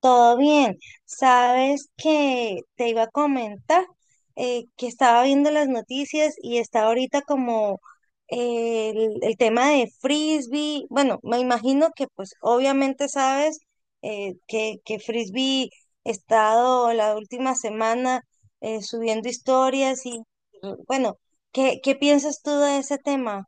Todo bien. Sabes que te iba a comentar que estaba viendo las noticias y está ahorita como el tema de frisbee. Bueno, me imagino que pues obviamente sabes que frisbee ha estado la última semana subiendo historias y bueno, ¿qué piensas tú de ese tema?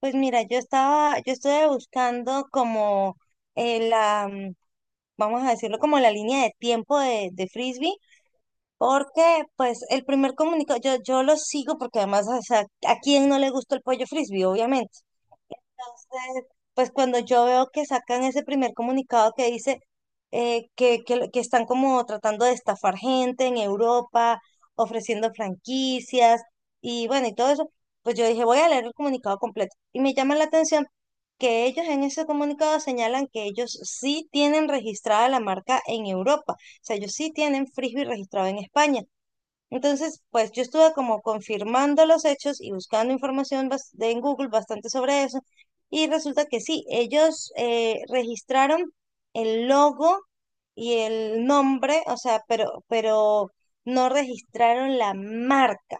Pues mira, yo estuve buscando como la vamos a decirlo como la línea de tiempo de Frisbee, porque pues el primer comunicado, yo lo sigo porque además, o sea, ¿a quién no le gusta el pollo Frisbee? Obviamente. Entonces, pues cuando yo veo que sacan ese primer comunicado que dice que están como tratando de estafar gente en Europa, ofreciendo franquicias y bueno, y todo eso, pues yo dije, voy a leer el comunicado completo. Y me llama la atención que ellos en ese comunicado señalan que ellos sí tienen registrada la marca en Europa, o sea, ellos sí tienen Frisbee registrado en España. Entonces, pues yo estuve como confirmando los hechos y buscando información en Google bastante sobre eso. Y resulta que sí, ellos registraron el logo y el nombre, o sea, pero no registraron la marca.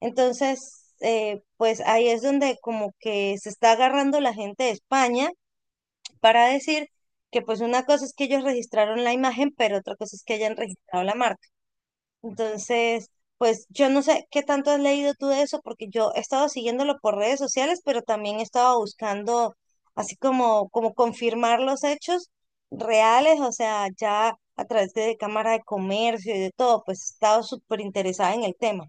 Entonces, pues ahí es donde como que se está agarrando la gente de España para decir que pues una cosa es que ellos registraron la imagen, pero otra cosa es que hayan registrado la marca. Entonces, pues yo no sé qué tanto has leído tú de eso, porque yo he estado siguiéndolo por redes sociales, pero también he estado buscando así como confirmar los hechos reales, o sea, ya a través de Cámara de Comercio y de todo, pues he estado súper interesada en el tema.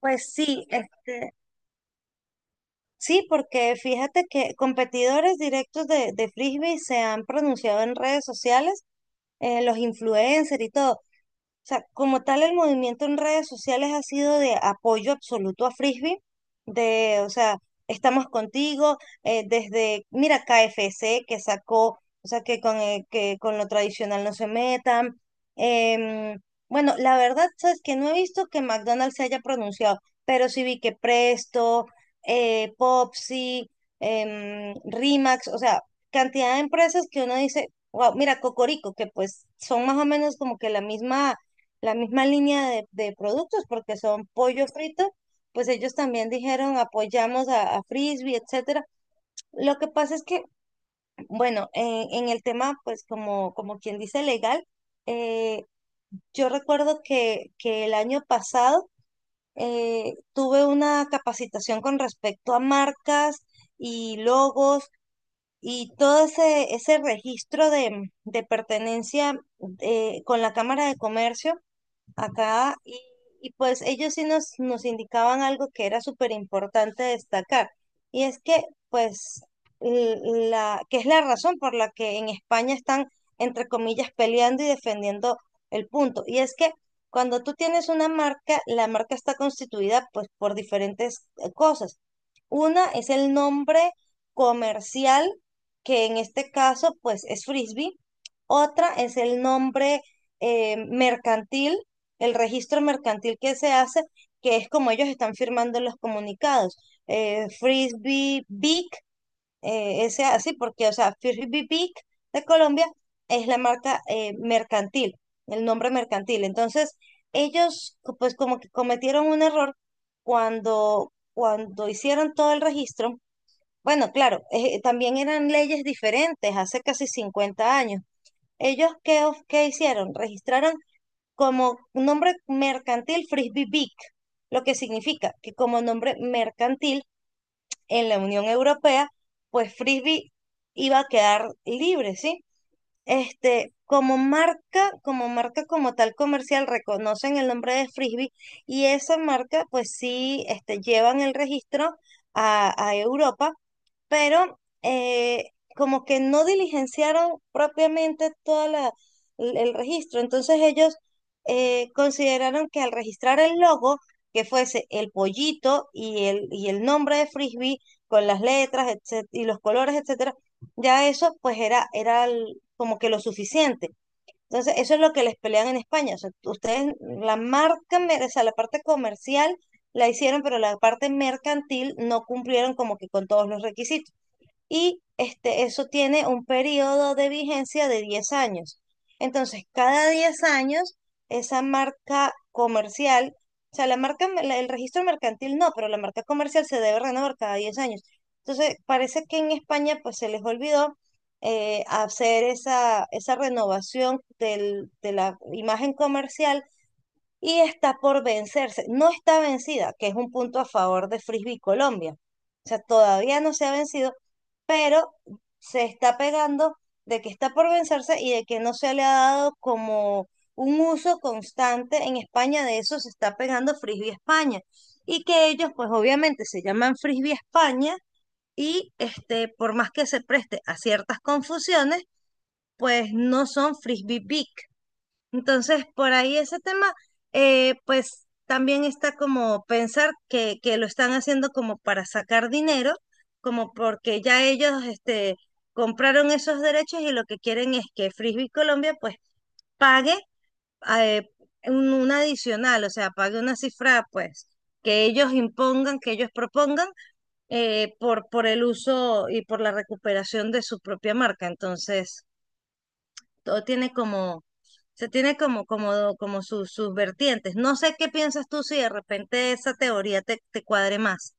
Pues sí, este, sí, porque fíjate que competidores directos de Frisbee se han pronunciado en redes sociales, los influencers y todo. Sea, como tal, el movimiento en redes sociales ha sido de apoyo absoluto a Frisbee, o sea, estamos contigo, desde, mira, KFC que sacó, o sea, que que con lo tradicional no se metan. Em, bueno, la verdad, sabes que no he visto que McDonald's se haya pronunciado, pero sí vi que Presto, Popsi, Rimax, o sea, cantidad de empresas que uno dice, wow, mira, Cocorico, que pues son más o menos como que la misma línea de productos, porque son pollo frito, pues ellos también dijeron apoyamos a Frisbee, etcétera. Lo que pasa es que, bueno, en el tema, pues como quien dice legal, eh, yo recuerdo que el año pasado tuve una capacitación con respecto a marcas y logos y todo ese registro de pertenencia con la Cámara de Comercio acá y pues ellos sí nos indicaban algo que era súper importante destacar, y es que pues l- que es la razón por la que en España están entre comillas peleando y defendiendo el punto, y es que cuando tú tienes una marca, la marca está constituida pues por diferentes cosas. Una es el nombre comercial, que en este caso pues es Frisbee. Otra es el nombre mercantil, el registro mercantil que se hace, que es como ellos están firmando los comunicados. Frisbee Big, ese así, porque, o sea, Frisbee Big de Colombia es la marca mercantil, el nombre mercantil. Entonces, ellos, pues, como que cometieron un error cuando hicieron todo el registro. Bueno, claro, también eran leyes diferentes hace casi 50 años. ¿Ellos qué, qué hicieron? Registraron como un nombre mercantil Frisbee Big, lo que significa que como nombre mercantil en la Unión Europea, pues Frisbee iba a quedar libre, ¿sí? Este, como marca, como tal comercial, reconocen el nombre de Frisbee, y esa marca, pues sí, este, llevan el registro a Europa, pero como que no diligenciaron propiamente toda el registro. Entonces ellos consideraron que al registrar el logo, que fuese el pollito y y el nombre de Frisbee con las letras, etcétera, y los colores, etcétera, ya eso pues era como que lo suficiente. Entonces, eso es lo que les pelean en España. O sea, ustedes, la marca, o sea, la parte comercial la hicieron, pero la parte mercantil no cumplieron como que con todos los requisitos, y este, eso tiene un periodo de vigencia de 10 años. Entonces, cada 10 años, esa marca comercial, o sea, la marca, el registro mercantil no, pero la marca comercial se debe renovar cada 10 años. Entonces, parece que en España pues se les olvidó hacer esa renovación de la imagen comercial, y está por vencerse. No está vencida, que es un punto a favor de Frisbee Colombia. O sea, todavía no se ha vencido, pero se está pegando de que está por vencerse y de que no se le ha dado como un uso constante en España, de eso se está pegando Frisbee España. Y que ellos, pues obviamente se llaman Frisbee España, y este, por más que se preste a ciertas confusiones, pues no son Frisbee Big, entonces, por ahí ese tema, pues también está como pensar que lo están haciendo como para sacar dinero, como porque ya ellos este, compraron esos derechos, y lo que quieren es que Frisbee Colombia pues pague eh, un adicional, o sea, pague una cifra pues que ellos impongan, que ellos propongan por el uso y por la recuperación de su propia marca. Entonces, todo tiene como sea, tiene como sus vertientes. No sé qué piensas tú, si de repente esa teoría te cuadre más.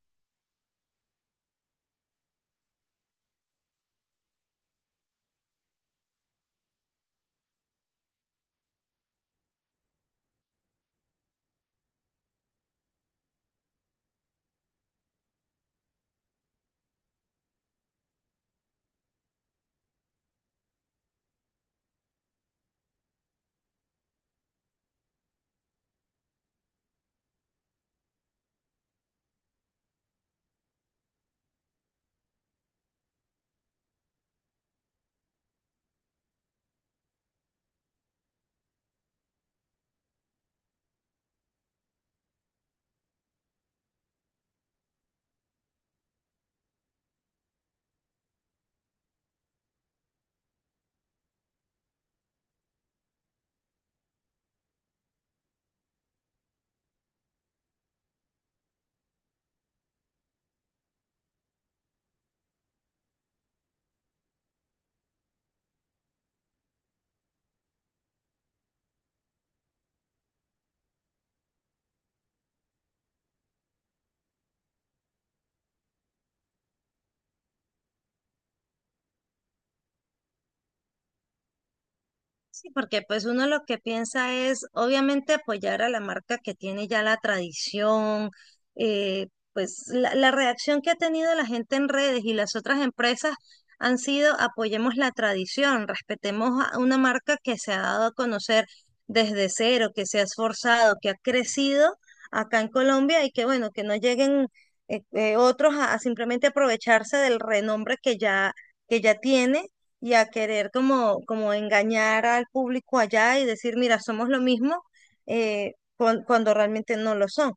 Sí, porque pues uno lo que piensa es obviamente apoyar a la marca que tiene ya la tradición, eh, pues la reacción que ha tenido la gente en redes y las otras empresas han sido apoyemos la tradición, respetemos a una marca que se ha dado a conocer desde cero, que se ha esforzado, que ha crecido acá en Colombia, y que bueno, que no lleguen otros a simplemente aprovecharse del renombre que ya tiene, y a querer como engañar al público allá y decir, mira, somos lo mismo, cuando realmente no lo son.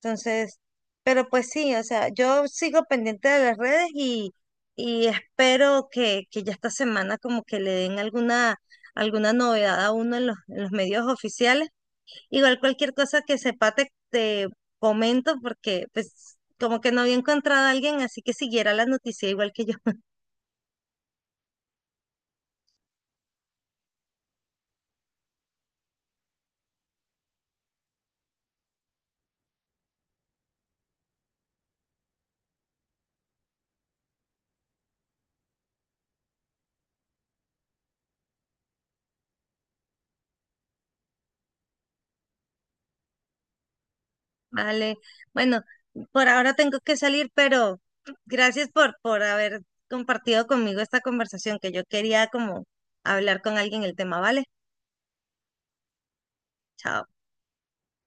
Entonces, pero pues sí, o sea, yo sigo pendiente de las redes y espero que ya esta semana como que le den alguna novedad a uno en los medios oficiales. Igual cualquier cosa que sepa te comento, porque pues como que no había encontrado a alguien así que siguiera la noticia igual que yo. Vale, bueno, por ahora tengo que salir, pero gracias por haber compartido conmigo esta conversación, que yo quería como hablar con alguien el tema, ¿vale? Chao.